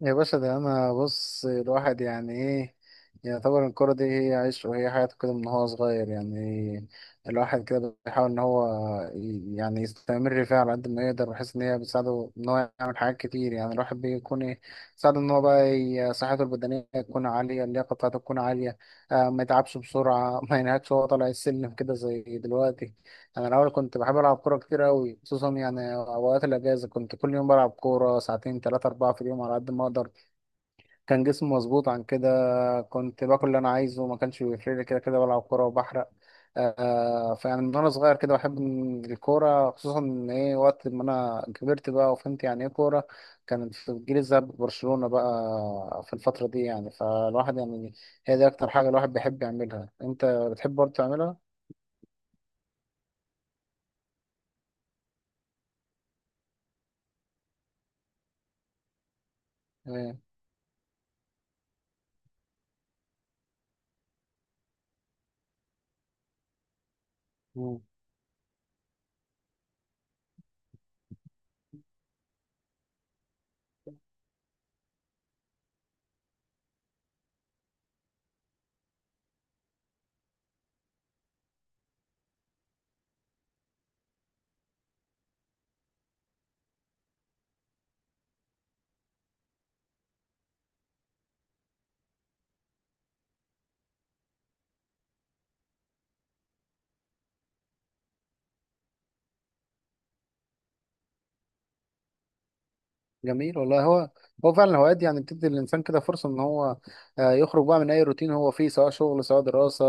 يا باشا ده انا بص الواحد يعني ايه يعتبر الكرة دي هي عيشه وهي حياته كده من هو صغير يعني. الواحد كده بيحاول ان هو يعني يستمر فيها على قد ما يقدر بحيث ان هي بتساعده ان هو يعمل حاجات كتير. يعني الواحد بيكون ايه ساعده ان هو بقى صحته البدنية تكون عالية، اللياقة بتاعته تكون عالية. ما يتعبش بسرعة ما ينهكش وهو طالع السلم كده زي دلوقتي. انا الاول كنت بحب العب كورة كتير قوي، خصوصا يعني اوقات الاجازة كنت كل يوم بلعب كورة ساعتين ثلاثة اربعة في اليوم على قد ما اقدر. كان جسمي مظبوط عن كده، كنت باكل اللي انا عايزه ما كانش بيفرق لي كده كده بلعب كوره وبحرق. آه فيعني من وانا صغير كده بحب إن الكوره، خصوصا ان ايه وقت ما انا كبرت بقى وفهمت يعني ايه كوره، كانت في الجيل الذهبي برشلونه بقى في الفتره دي. يعني فالواحد يعني هي دي اكتر حاجه الواحد بيحب يعملها، انت بتحب برضه تعملها. إيه. جميل والله. هو هو فعلا الهوايات دي يعني بتدي الإنسان كده فرصة إن هو يخرج بقى من أي روتين هو فيه، سواء شغل سواء دراسة،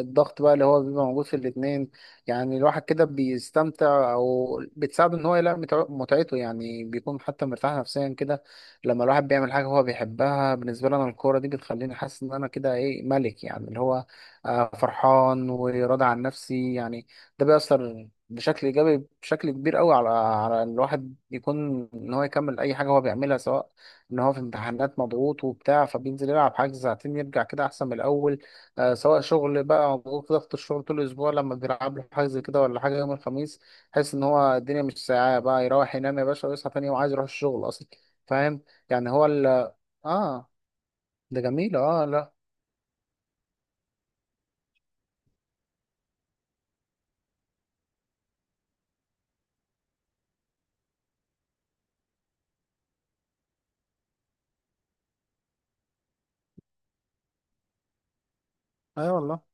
الضغط بقى اللي هو بيبقى موجود في الاتنين. يعني الواحد كده بيستمتع أو بتساعده إن هو يلاقي متعته، يعني بيكون حتى مرتاح نفسيا كده لما الواحد بيعمل حاجة هو بيحبها. بالنسبة لي أنا الكورة دي بتخليني حاسس إن أنا كده إيه ملك، يعني اللي هو فرحان وراضي عن نفسي يعني. ده بيأثر بشكل ايجابي بشكل كبير قوي على على الواحد، يكون ان هو يكمل اي حاجه هو بيعملها. سواء ان هو في امتحانات مضغوط وبتاع فبينزل يلعب حاجه ساعتين يرجع كده احسن من الاول. آه سواء شغل بقى مضغوط، ضغط الشغل طول الاسبوع لما بيلعب له حاجه زي كده ولا حاجه يوم الخميس، حس ان هو الدنيا مش ساعه بقى، يروح ينام يا باشا ويصحى تاني يوم عايز يروح الشغل اصلا. فاهم؟ يعني هو ال اه. ده جميل اه. لا. اي أيوة والله.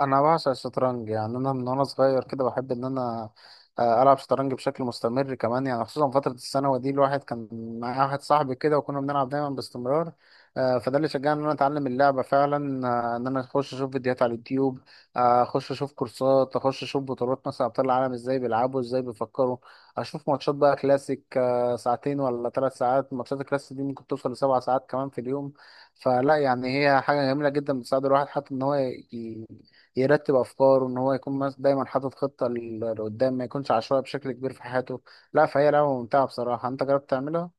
انا بعشق الشطرنج، يعني انا من وانا صغير كده بحب ان انا العب شطرنج بشكل مستمر كمان. يعني خصوصا فتره الثانوي دي الواحد كان معايا واحد صاحبي كده وكنا بنلعب دايما باستمرار. فده اللي شجعني ان انا اتعلم اللعبه فعلا، ان انا اخش اشوف فيديوهات على اليوتيوب، اخش اشوف كورسات، اخش اشوف بطولات مثلا ابطال العالم ازاي بيلعبوا ازاي بيفكروا، اشوف ماتشات بقى كلاسيك، ساعتين ولا ثلاث ساعات، ماتشات الكلاسيك دي ممكن توصل لسبع ساعات كمان في اليوم. فلا يعني هي حاجة جميلة جدا، بتساعد الواحد حتى إن هو ي- يرتب افكاره، ان هو يكون دايما حاطط خطه لقدام، ما يكونش عشوائي بشكل كبير في حياته. لا فهي لعبه ممتعه بصراحه، انت جربت تعملها؟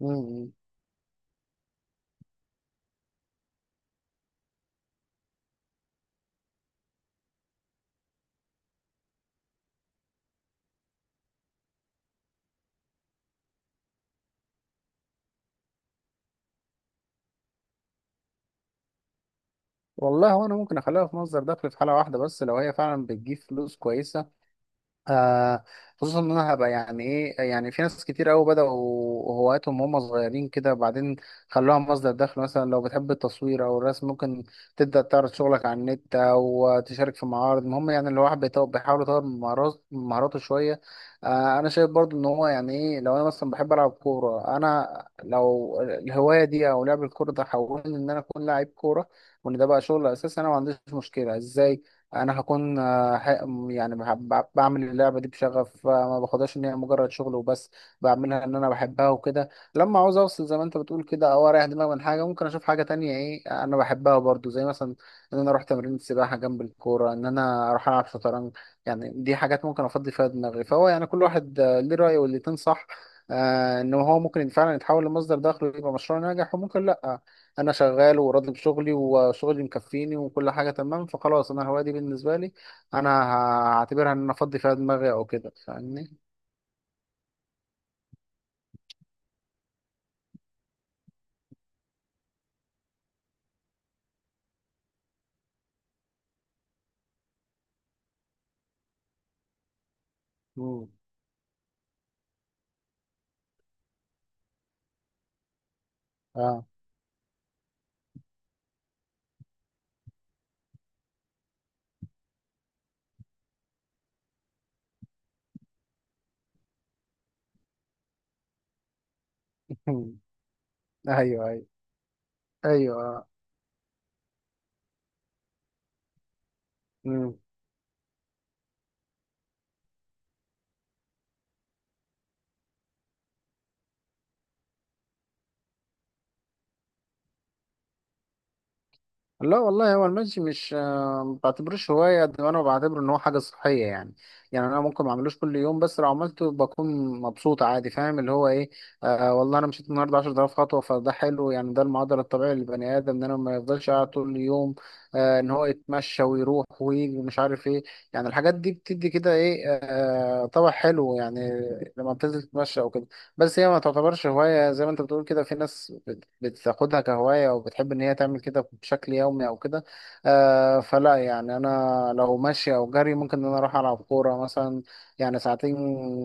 امم. والله هو انا ممكن اخليها في مصدر دخل في حاله واحده بس، لو هي فعلا بتجيب فلوس كويسه. آه خصوصا ان انا هبقى يعني ايه، يعني في ناس كتير قوي بدأوا هواياتهم وهم صغيرين كده بعدين خلوها مصدر دخل. مثلا لو بتحب التصوير او الرسم ممكن تبدأ تعرض شغلك على النت او تشارك في معارض، المهم يعني الواحد بيحاول يطور من من مهاراته شوية. آه انا شايف برضو ان هو يعني ايه، لو انا مثلا بحب العب كورة، انا لو الهواية دي او لعب الكورة ده حولني ان انا اكون لاعب كورة، وان ده بقى شغل اساسي، انا ما عنديش مشكلة. ازاي؟ انا هكون يعني بعمل اللعبه دي بشغف، ما باخدهاش ان هي مجرد شغل وبس، بعملها ان انا بحبها وكده. لما عاوز اوصل زي ما انت بتقول كده او اريح دماغي من حاجه ممكن اشوف حاجه تانية ايه انا بحبها برضو، زي مثلا ان انا اروح تمرين السباحه جنب الكوره، ان انا اروح العب شطرنج. يعني دي حاجات ممكن افضي فيها دماغي. فهو يعني كل واحد ليه راي والاتنين صح، ان هو ممكن فعلا يتحول لمصدر دخل ويبقى مشروع ناجح، وممكن لا، انا شغال وراضي بشغلي وشغلي مكفيني وكل حاجه تمام فخلاص انا الهوايه دي بالنسبه لي انا هعتبرها ان انا افضي فيها دماغي او كده. فاهمني؟ مم. اه. ايوه ايوه. ايوه آه. مم. لا والله هو المشي مش ما بعتبروش هواية قد ما انا بعتبره ان هو حاجة صحية يعني. يعني انا ممكن ما اعملوش كل يوم، بس لو عملته بكون مبسوط عادي. فاهم اللي هو ايه؟ آه والله انا مشيت النهارده 10,000 خطوة، فده حلو، يعني ده المعدل الطبيعي للبني ادم ان انا ما يفضلش قاعد طول اليوم، آه ان هو يتمشى ويروح ويجي ومش عارف ايه. يعني الحاجات دي بتدي كده ايه آه طبع حلو يعني لما بتنزل تتمشى او كده. بس هي ما تعتبرش هواية، زي ما انت بتقول كده في ناس بتاخدها كهواية أو بتحب إن هي تعمل كده بشكل يومي أو كده. آه فلا يعني أنا لو ماشي أو جري ممكن إن أنا أروح ألعب كورة مثلا يعني ساعتين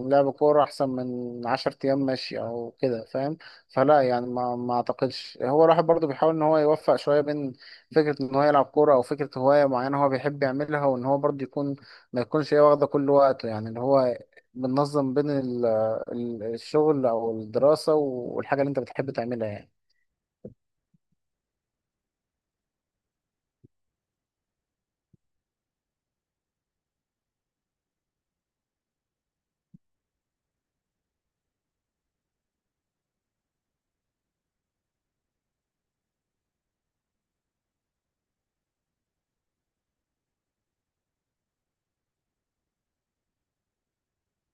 لعب كورة أحسن من عشر أيام ماشي أو كده. فاهم؟ فلا يعني ما أعتقدش، هو الواحد برضه بيحاول إن هو يوفق شوية بين فكرة إن هو يلعب كورة أو فكرة هواية معينة هو بيحب يعملها، وإن هو برضه يكون ما يكونش هي واخدة كل وقته، يعني اللي هو بننظم بين الشغل او الدراسة والحاجة اللي انت بتحب تعملها يعني.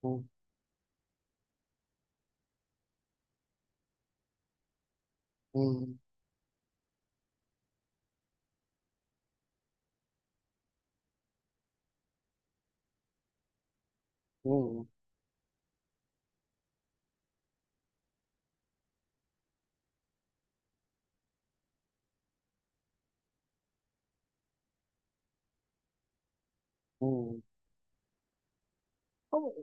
مم. مم. مم. مم. هو-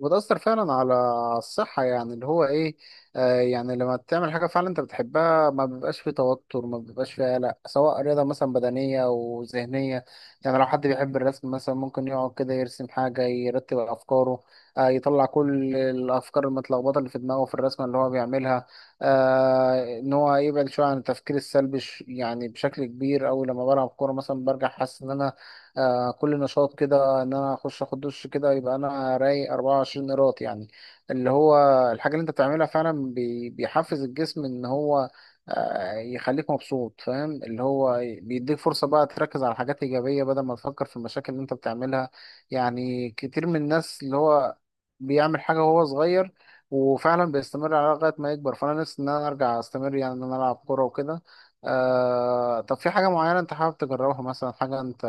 وتأثر فعلا على الصحة، يعني اللي هو إيه آه، يعني لما تعمل حاجة فعلا أنت بتحبها ما بيبقاش فيه توتر ما بيبقاش فيه قلق، سواء رياضة مثلا بدنية أو ذهنية. يعني لو حد بيحب الرسم مثلا ممكن يقعد كده يرسم حاجة يرتب أفكاره، آه يطلع كل الأفكار المتلخبطة اللي في دماغه في الرسمة اللي هو بيعملها، آه إن هو يبعد شوية عن التفكير السلبي. يعني بشكل كبير أوي لما بلعب كورة مثلا برجع حاسس إن أنا كل نشاط، كده ان انا اخش اخد دش كده يبقى انا رايق 24 قيراط يعني. اللي هو الحاجه اللي انت بتعملها فعلا بيحفز الجسم ان هو يخليك مبسوط. فاهم اللي هو بيديك فرصه بقى تركز على حاجات ايجابيه بدل ما تفكر في المشاكل اللي انت بتعملها. يعني كتير من الناس اللي هو بيعمل حاجه وهو صغير وفعلا بيستمر عليها لغايه ما يكبر، فانا نفسي ان انا ارجع استمر يعني ان انا العب كوره وكده. آه طب في حاجه معينه انت حابب تجربها، مثلا حاجه انت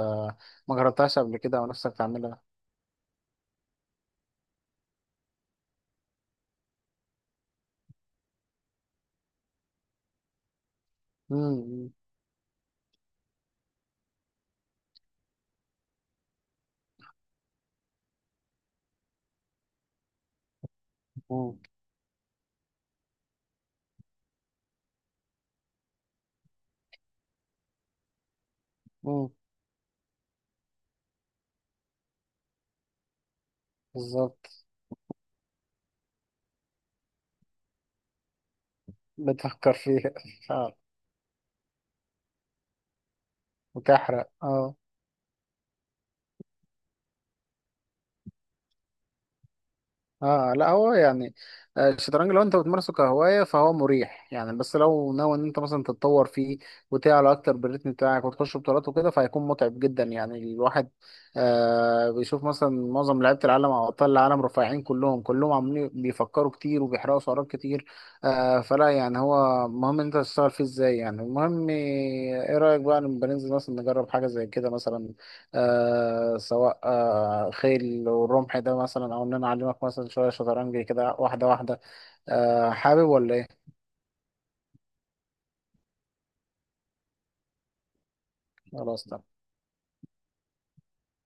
ما جربتهاش قبل كده ونفسك تعملها؟ امم. امم. بالظبط. بتفكر فيها. اه. وتحرق اه. اه لا هو يعني الشطرنج لو انت بتمارسه كهواية فهو مريح يعني، بس لو ناوي ان انت مثلا تتطور فيه وتعلى اكتر بالريتم بتاعك وتخش بطولات وكده فهيكون متعب جدا يعني. الواحد آه بيشوف مثلا معظم لعيبة العالم او ابطال العالم رفيعين كلهم، كلهم عاملين بيفكروا كتير وبيحرقوا سعرات كتير. آه فلا يعني هو مهم ان انت تشتغل فيه ازاي، يعني المهم ايه رأيك بقى لما بننزل مثلا نجرب حاجة زي كده مثلا، آه سواء آه خيل والرمح ده مثلا او ان انا اعلمك مثلا شويه شطرنج كده واحده واحده. آه حابب ولا ايه؟ خلاص.